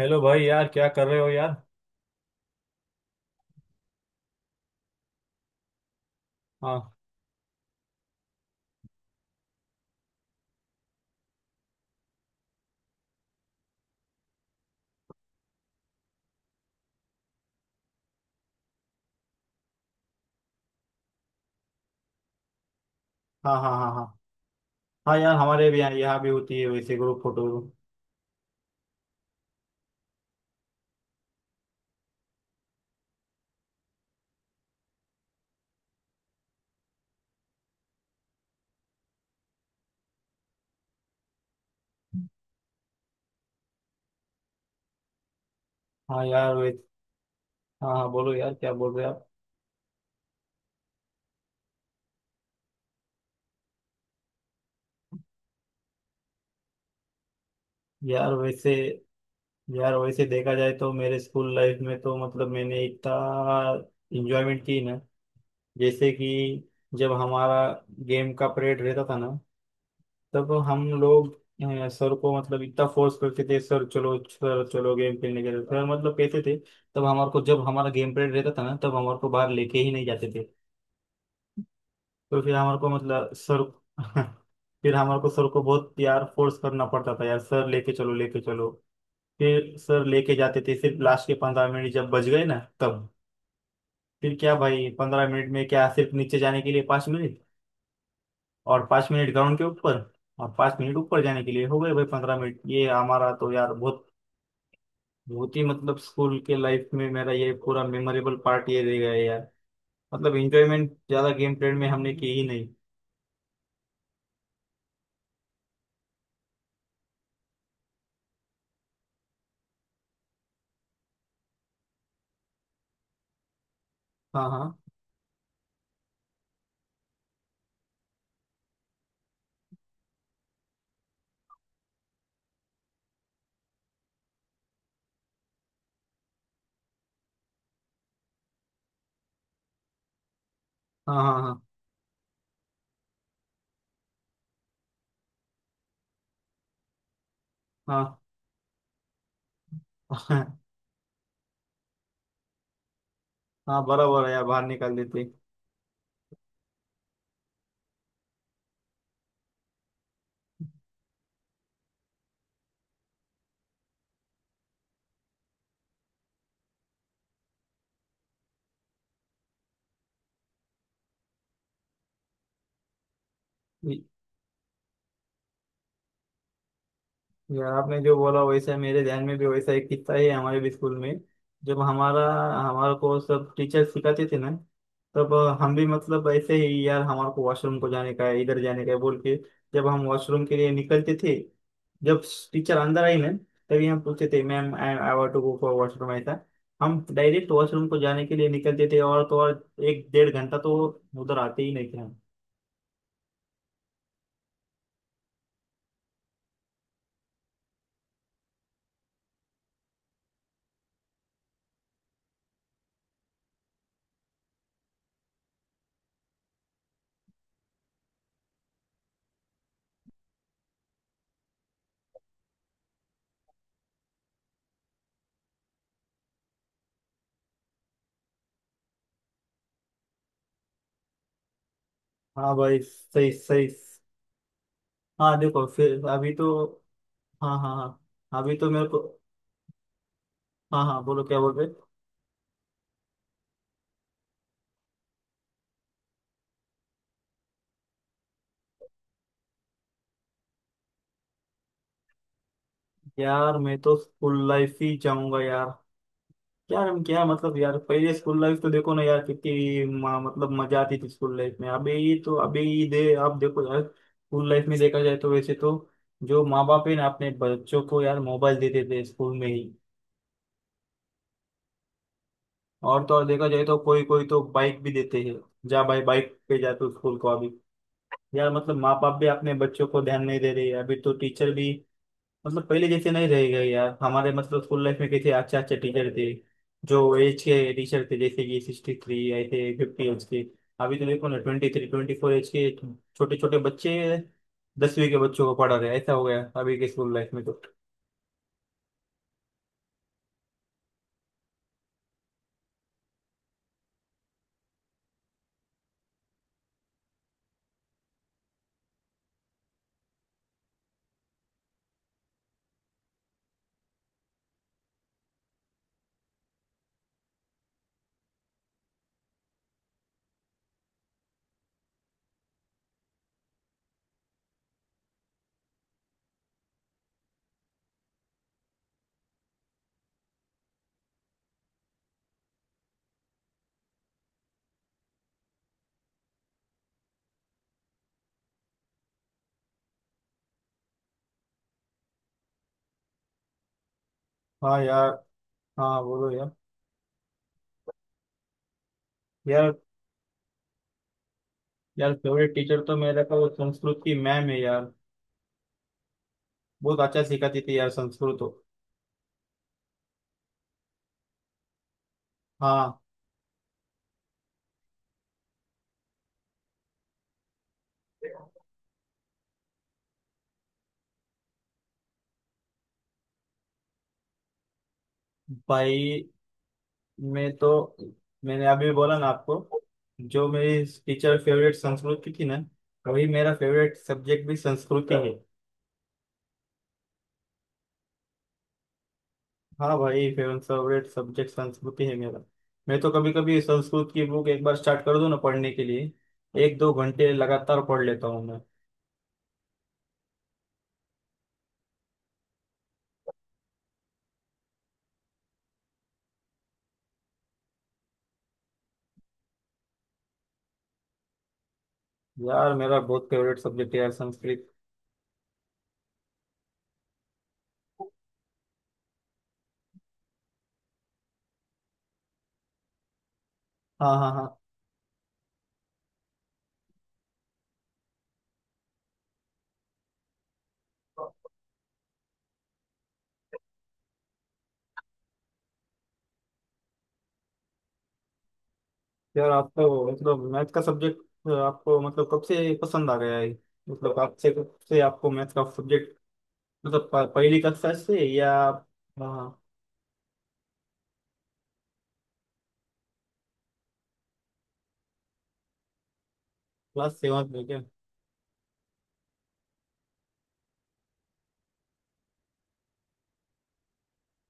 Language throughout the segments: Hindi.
हेलो भाई। यार क्या कर रहे हो यार? हाँ, हाँ, हाँ, हाँ, हाँ। हाँ यार, हमारे भी यहाँ यहाँ भी होती है वैसे ग्रुप फोटो। हाँ यार वैसे। हाँ, हाँ, बोलो यार, क्या बोल रहे हो आप? यार वैसे। यार वैसे देखा जाए तो मेरे स्कूल लाइफ में तो मतलब मैंने इतना इंजॉयमेंट की ना। जैसे कि जब हमारा गेम का पीरियड रहता था ना, तब हम लोग सर को मतलब इतना फोर्स करते थे, सर चलो, सर चलो गेम खेलने के लिए, सर मतलब कहते थे। तब हमारे को, जब हमारा गेम पीरियड रहता था ना, तब हमारे को बाहर लेके ही नहीं जाते थे। तो फिर हमारे को मतलब सर फिर हमारे को सर को बहुत यार फोर्स करना पड़ता था यार, सर लेके चलो, लेके चलो। फिर सर लेके जाते थे सिर्फ लास्ट के 15 मिनट, जब बच गए ना, तब। फिर क्या भाई, 15 मिनट में क्या? सिर्फ नीचे जाने के लिए 5 मिनट, और 5 मिनट ग्राउंड के ऊपर, और 5 मिनट ऊपर जाने के लिए, हो गए भाई 15 मिनट। ये हमारा तो यार बहुत बहुत ही मतलब स्कूल के लाइफ में मेरा ये पूरा मेमोरेबल पार्ट ये रह गया है यार। मतलब एंजॉयमेंट ज्यादा गेम पीरियड में हमने की ही नहीं। हाँ, हाँ, हाँ, हाँ, हाँ, हाँ। हाँ, हाँ, बराबर है यार, बाहर निकाल देते। यार, आपने जो बोला वैसा मेरे ध्यान में भी वैसा एक किस्सा है, हमारे भी स्कूल में। जब हमारा हमारे को सब टीचर सिखाते थे ना, तब हम भी मतलब ऐसे ही यार, हमारे को वॉशरूम को जाने का है, इधर जाने का है बोल के, जब हम वॉशरूम के लिए निकलते थे, जब टीचर अंदर आई ना, तभी हम पूछते थे, ma'am I want to go for washroom ऐसा। हम डायरेक्ट वॉशरूम को जाने के लिए निकलते थे, और तो और एक 1.5 घंटा तो उधर आते ही नहीं थे हम। हाँ भाई, सही सही। हाँ देखो फिर अभी तो। हाँ, हाँ, हाँ, अभी तो मेरे को। हाँ, हाँ, बोलो क्या बोल रहे? यार मैं तो स्कूल लाइफ ही जाऊंगा यार। यार हम क्या मतलब यार, पहले स्कूल लाइफ तो देखो ना यार, कितनी मतलब मजा आती थी स्कूल लाइफ में। अभी तो, अभी दे आप देखो यार, स्कूल लाइफ में देखा जाए तो वैसे तो जो माँ बाप है ना, अपने बच्चों को यार मोबाइल देते थे स्कूल में ही। और तो और देखा जाए तो कोई कोई तो बाइक भी देते हैं, जा भाई बाइक पे जा तू स्कूल को अभी। यार मतलब माँ बाप भी अपने बच्चों को ध्यान नहीं दे रहे, अभी तो टीचर भी मतलब पहले जैसे नहीं रहेगा यार। हमारे मतलब स्कूल लाइफ में कैसे अच्छे अच्छे टीचर थे, जो एज के टीचर थे, जैसे कि 63, ऐसे 50 एज के। अभी तो देखो ना, 23 24 एज के छोटे छोटे बच्चे 10वीं के बच्चों को पढ़ा रहे हैं। ऐसा हो गया अभी के स्कूल लाइफ में तो। हाँ यार। हाँ बोलो यार। यार, यार फेवरेट टीचर तो मेरा का वो संस्कृत की मैम है यार, बहुत अच्छा सिखाती थी यार संस्कृत तो। हाँ भाई, मैं तो, मैंने अभी बोला ना आपको, जो मेरी टीचर फेवरेट संस्कृत की थी ना, वही मेरा फेवरेट सब्जेक्ट भी संस्कृत ही है। हाँ भाई, फेवरेट फेवरेट सब्जेक्ट संस्कृत ही है मेरा। मैं तो कभी कभी संस्कृत की बुक एक बार स्टार्ट कर दूँ ना पढ़ने के लिए, एक दो घंटे लगातार पढ़ लेता हूँ मैं। यार मेरा बहुत फेवरेट सब्जेक्ट है यार संस्कृत। हाँ, हाँ, हाँ। यार आपको मतलब मैथ का सब्जेक्ट आपको मतलब कब से पसंद आ गया है? मतलब आपसे कब से आपको मैथ का सब्जेक्ट? मतलब पहली कक्षा से या? हाँ। क्लास 7 में क्या?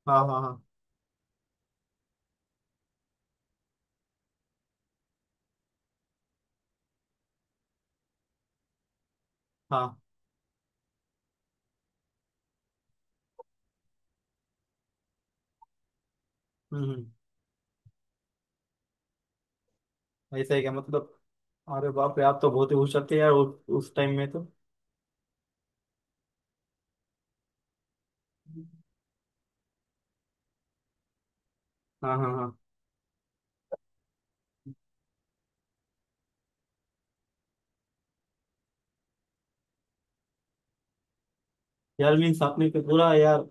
हाँ, हाँ, हाँ, हाँ। हम्म, हम्म। ऐसा ही क्या मतलब? अरे बाप रे, आप तो बहुत ही होशियार थे यार उस टाइम में तो। हाँ, हाँ, हाँ। यार मीन्स आपने तो पूरा यार,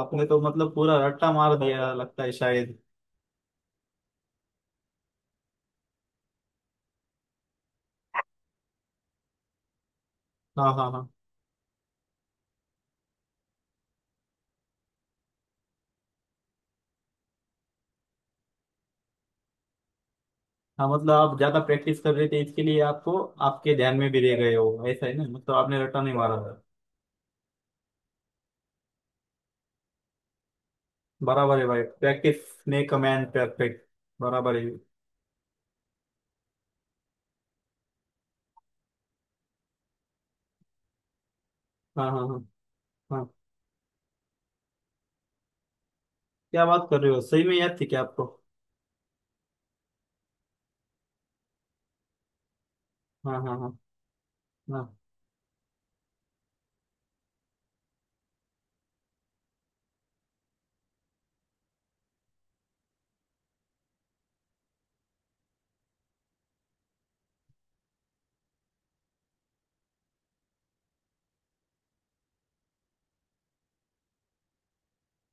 आपने तो मतलब पूरा रट्टा मार दिया लगता है शायद। हाँ, हाँ, हाँ, हाँ। मतलब आप ज्यादा प्रैक्टिस कर रहे थे इसके लिए, आपको आपके ध्यान में भी रह गए हो ऐसा है ना, मतलब आपने रट्टा नहीं मारा था। बराबर है भाई, practice make a man perfect, बराबर है। हाँ, हाँ, हाँ, हाँ। क्या बात कर रहे हो, सही में याद थी क्या आपको? हाँ, हाँ, हाँ, हाँ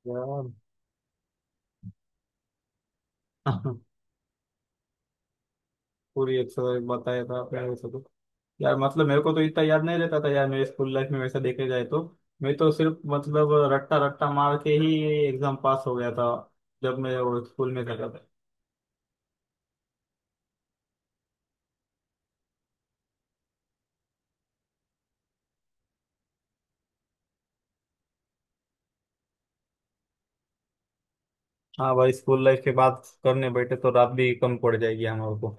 यार। पूरी एक्सरसाइज बताया था आपने वैसे तो। यार मतलब मेरे को तो इतना याद नहीं रहता था यार, मेरे स्कूल लाइफ में वैसा देखे जाए तो, मैं तो सिर्फ मतलब रट्टा रट्टा मार के ही एग्जाम पास हो गया था, जब मैं वो स्कूल में जाता था। हाँ भाई, स्कूल लाइफ की बात करने बैठे तो रात भी कम पड़ जाएगी हमारे को।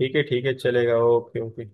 ठीक है, ठीक है, चलेगा, ओके, ओके।